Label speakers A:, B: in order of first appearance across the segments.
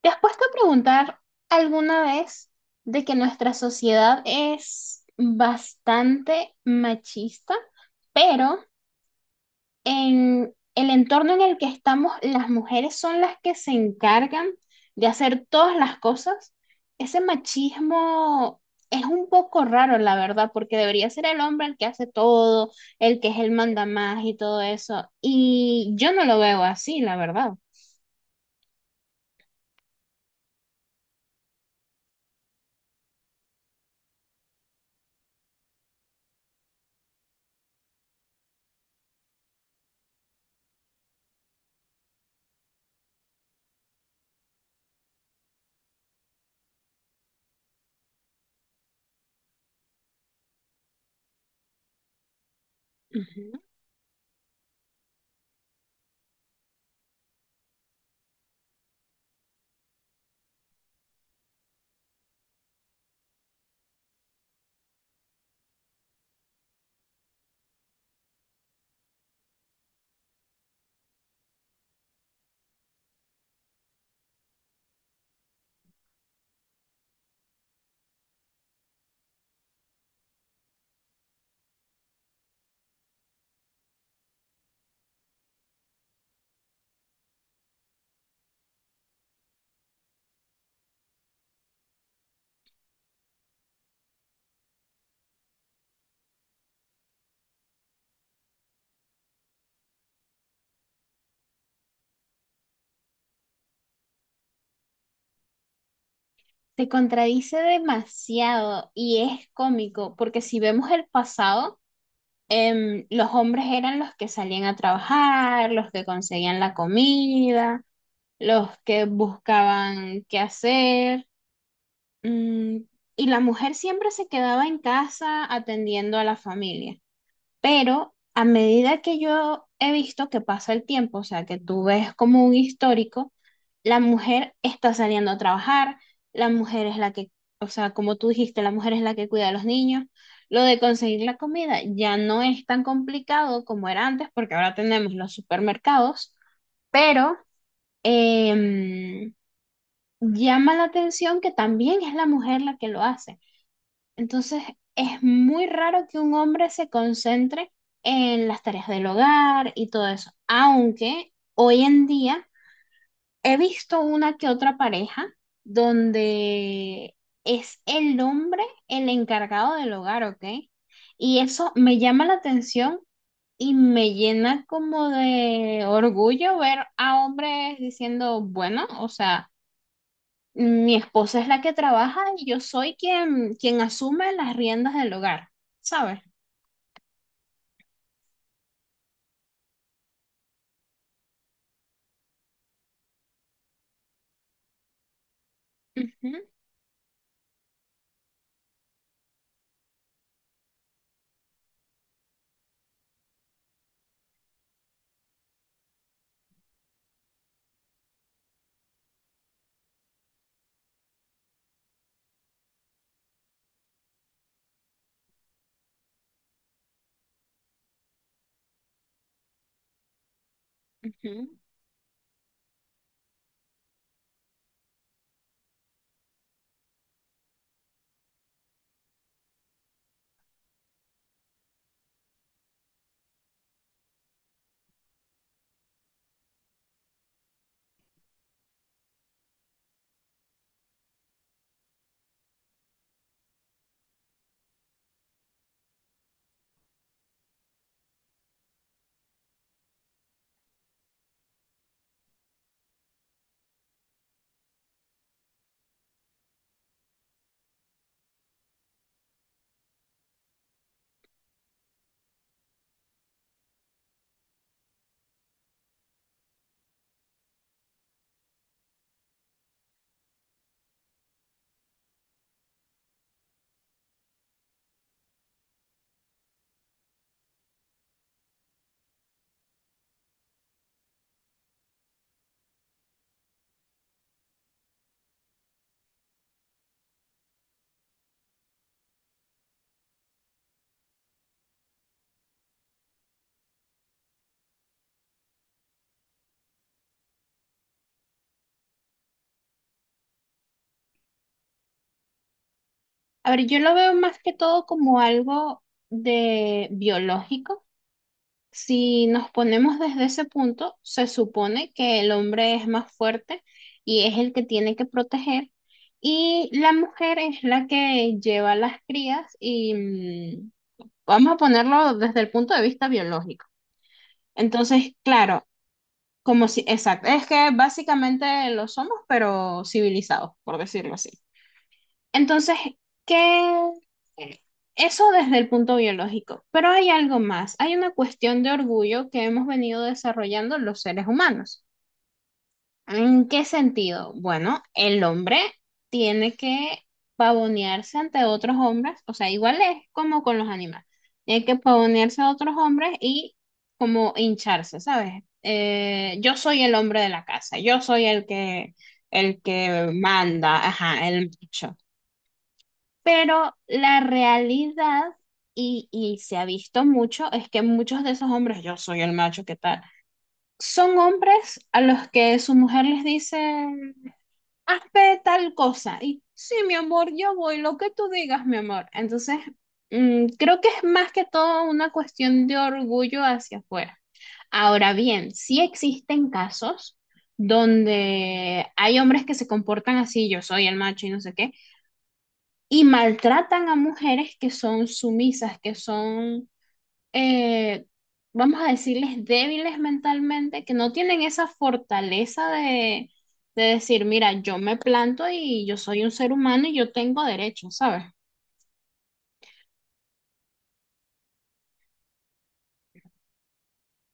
A: ¿Te has puesto a preguntar alguna vez de que nuestra sociedad es bastante machista, pero en el entorno en el que estamos, las mujeres son las que se encargan de hacer todas las cosas? Ese machismo es un poco raro, la verdad, porque debería ser el hombre el que hace todo, el que es el mandamás y todo eso. Y yo no lo veo así, la verdad. Se contradice demasiado y es cómico, porque si vemos el pasado, los hombres eran los que salían a trabajar, los que conseguían la comida, los que buscaban qué hacer, mm, y la mujer siempre se quedaba en casa atendiendo a la familia. Pero a medida que yo he visto que pasa el tiempo, o sea, que tú ves como un histórico, la mujer está saliendo a trabajar, la mujer es la que, o sea, como tú dijiste, la mujer es la que cuida a los niños. Lo de conseguir la comida ya no es tan complicado como era antes, porque ahora tenemos los supermercados, pero em, llama la atención que también es la mujer la que lo hace. Entonces, es muy raro que un hombre se concentre en las tareas del hogar y todo eso, aunque hoy en día he visto una que otra pareja donde es el hombre el encargado del hogar, ¿ok? Y eso me llama la atención y me llena como de orgullo ver a hombres diciendo, bueno, o sea. Mi esposa es la que trabaja y yo soy quien asume las riendas del hogar, ¿sabes? Ujú, ujú. A ver, yo lo veo más que todo como algo de biológico. Si nos ponemos desde ese punto, se supone que el hombre es más fuerte y es el que tiene que proteger y la mujer es la que lleva las crías y vamos a ponerlo desde el punto de vista biológico. Entonces, claro, como si, exacto, es que básicamente lo somos, pero civilizados, por decirlo así. Entonces, ¿qué? Eso desde el punto biológico, pero hay algo más, hay una cuestión de orgullo que hemos venido desarrollando los seres humanos. ¿En qué sentido? Bueno, el hombre tiene que pavonearse ante otros hombres, o sea, igual es como con los animales, tiene que pavonearse a otros hombres y como hincharse, ¿sabes? Yo soy el hombre de la casa, yo soy el que manda, ajá, el macho. Pero la realidad, y se ha visto mucho, es que muchos de esos hombres, yo soy el macho, ¿qué tal? Son hombres a los que su mujer les dice, hazme tal cosa. Y sí, mi amor, yo voy, lo que tú digas, mi amor. Entonces, creo que es más que todo una cuestión de orgullo hacia afuera. Ahora bien, sí existen casos donde hay hombres que se comportan así, yo soy el macho y no sé qué, y maltratan a mujeres que son sumisas, que son eh, vamos a decirles, débiles mentalmente, que no tienen esa fortaleza de decir, mira, yo me planto y yo soy un ser humano y yo tengo derechos, ¿sabes?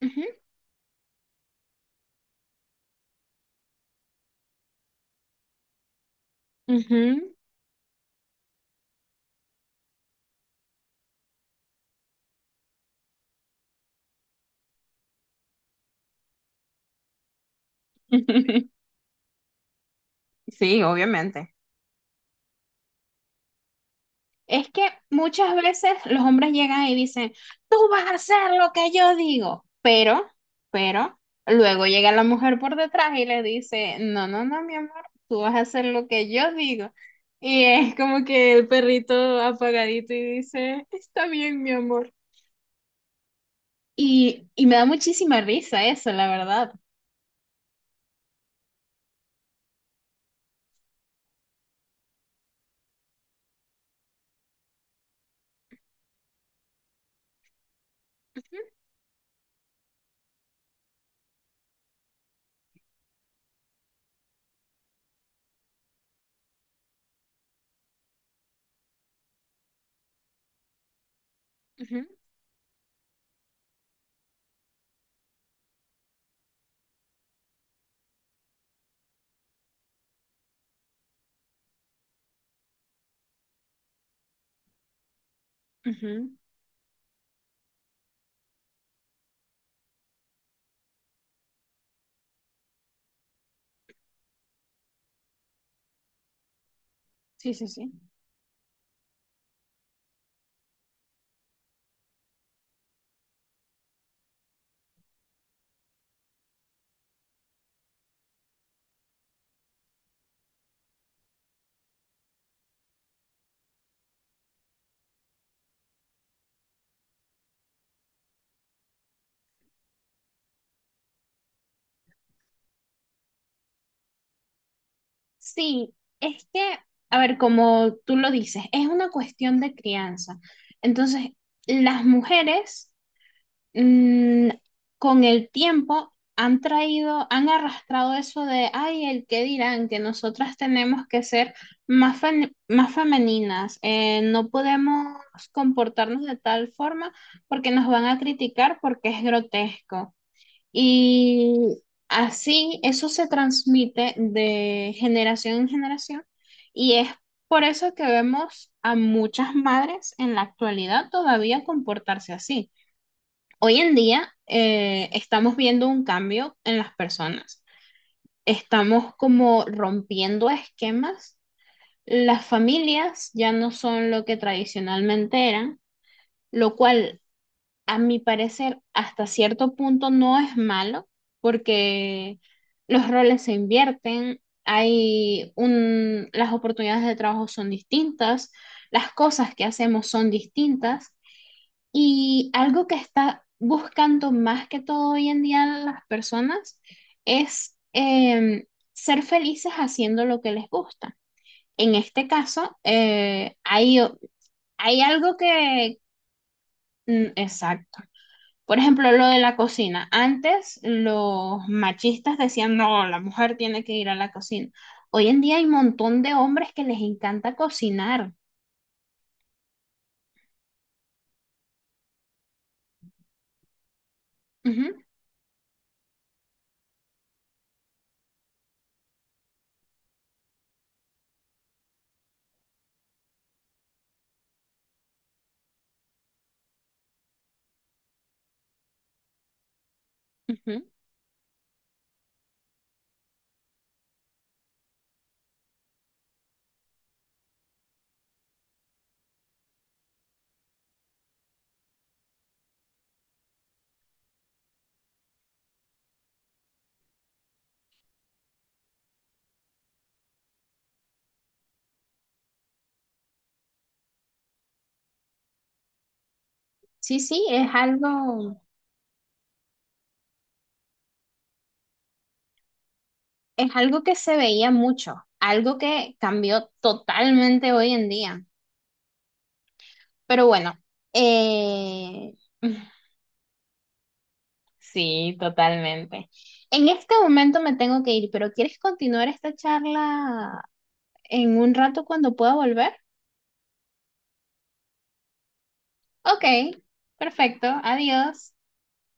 A: Ujú, ujú. Sí, obviamente. Es que muchas veces los hombres llegan y dicen, tú vas a hacer lo que yo digo, pero, luego llega la mujer por detrás y le dice, no, no, no, mi amor, tú vas a hacer lo que yo digo. Y es como que el perrito apagadito y dice, está bien, mi amor. Y me da muchísima risa eso, la verdad. Ujú, ujú. Sí, sí, sí. Sí, es que, a ver, como tú lo dices, es una cuestión de crianza. Entonces, las mujeres mm, con el tiempo han traído, han arrastrado eso de, ay, el que dirán, que nosotras tenemos que ser más, más femeninas, no podemos comportarnos de tal forma porque nos van a criticar porque es grotesco. Y así eso se transmite de generación en generación y es por eso que vemos a muchas madres en la actualidad todavía comportarse así. Hoy en día estamos viendo un cambio en las personas, estamos como rompiendo esquemas, las familias ya no son lo que tradicionalmente eran, lo cual a mi parecer, hasta cierto punto no es malo, porque los roles se invierten, las oportunidades de trabajo son distintas, las cosas que hacemos son distintas, y algo que está buscando más que todo hoy en día las personas es ser felices haciendo lo que les gusta. En este caso, hay algo que. Mm, exacto. Por ejemplo, lo de la cocina. Antes los machistas decían, no, la mujer tiene que ir a la cocina. Hoy en día hay un montón de hombres que les encanta cocinar. Ujú. Ujú. Sí, sí, es algo, que se veía mucho, algo que cambió totalmente hoy en día. Pero bueno, eh, sí, totalmente. En este momento me tengo que ir, pero ¿quieres continuar esta charla en un rato cuando pueda volver? Ok, perfecto, adiós.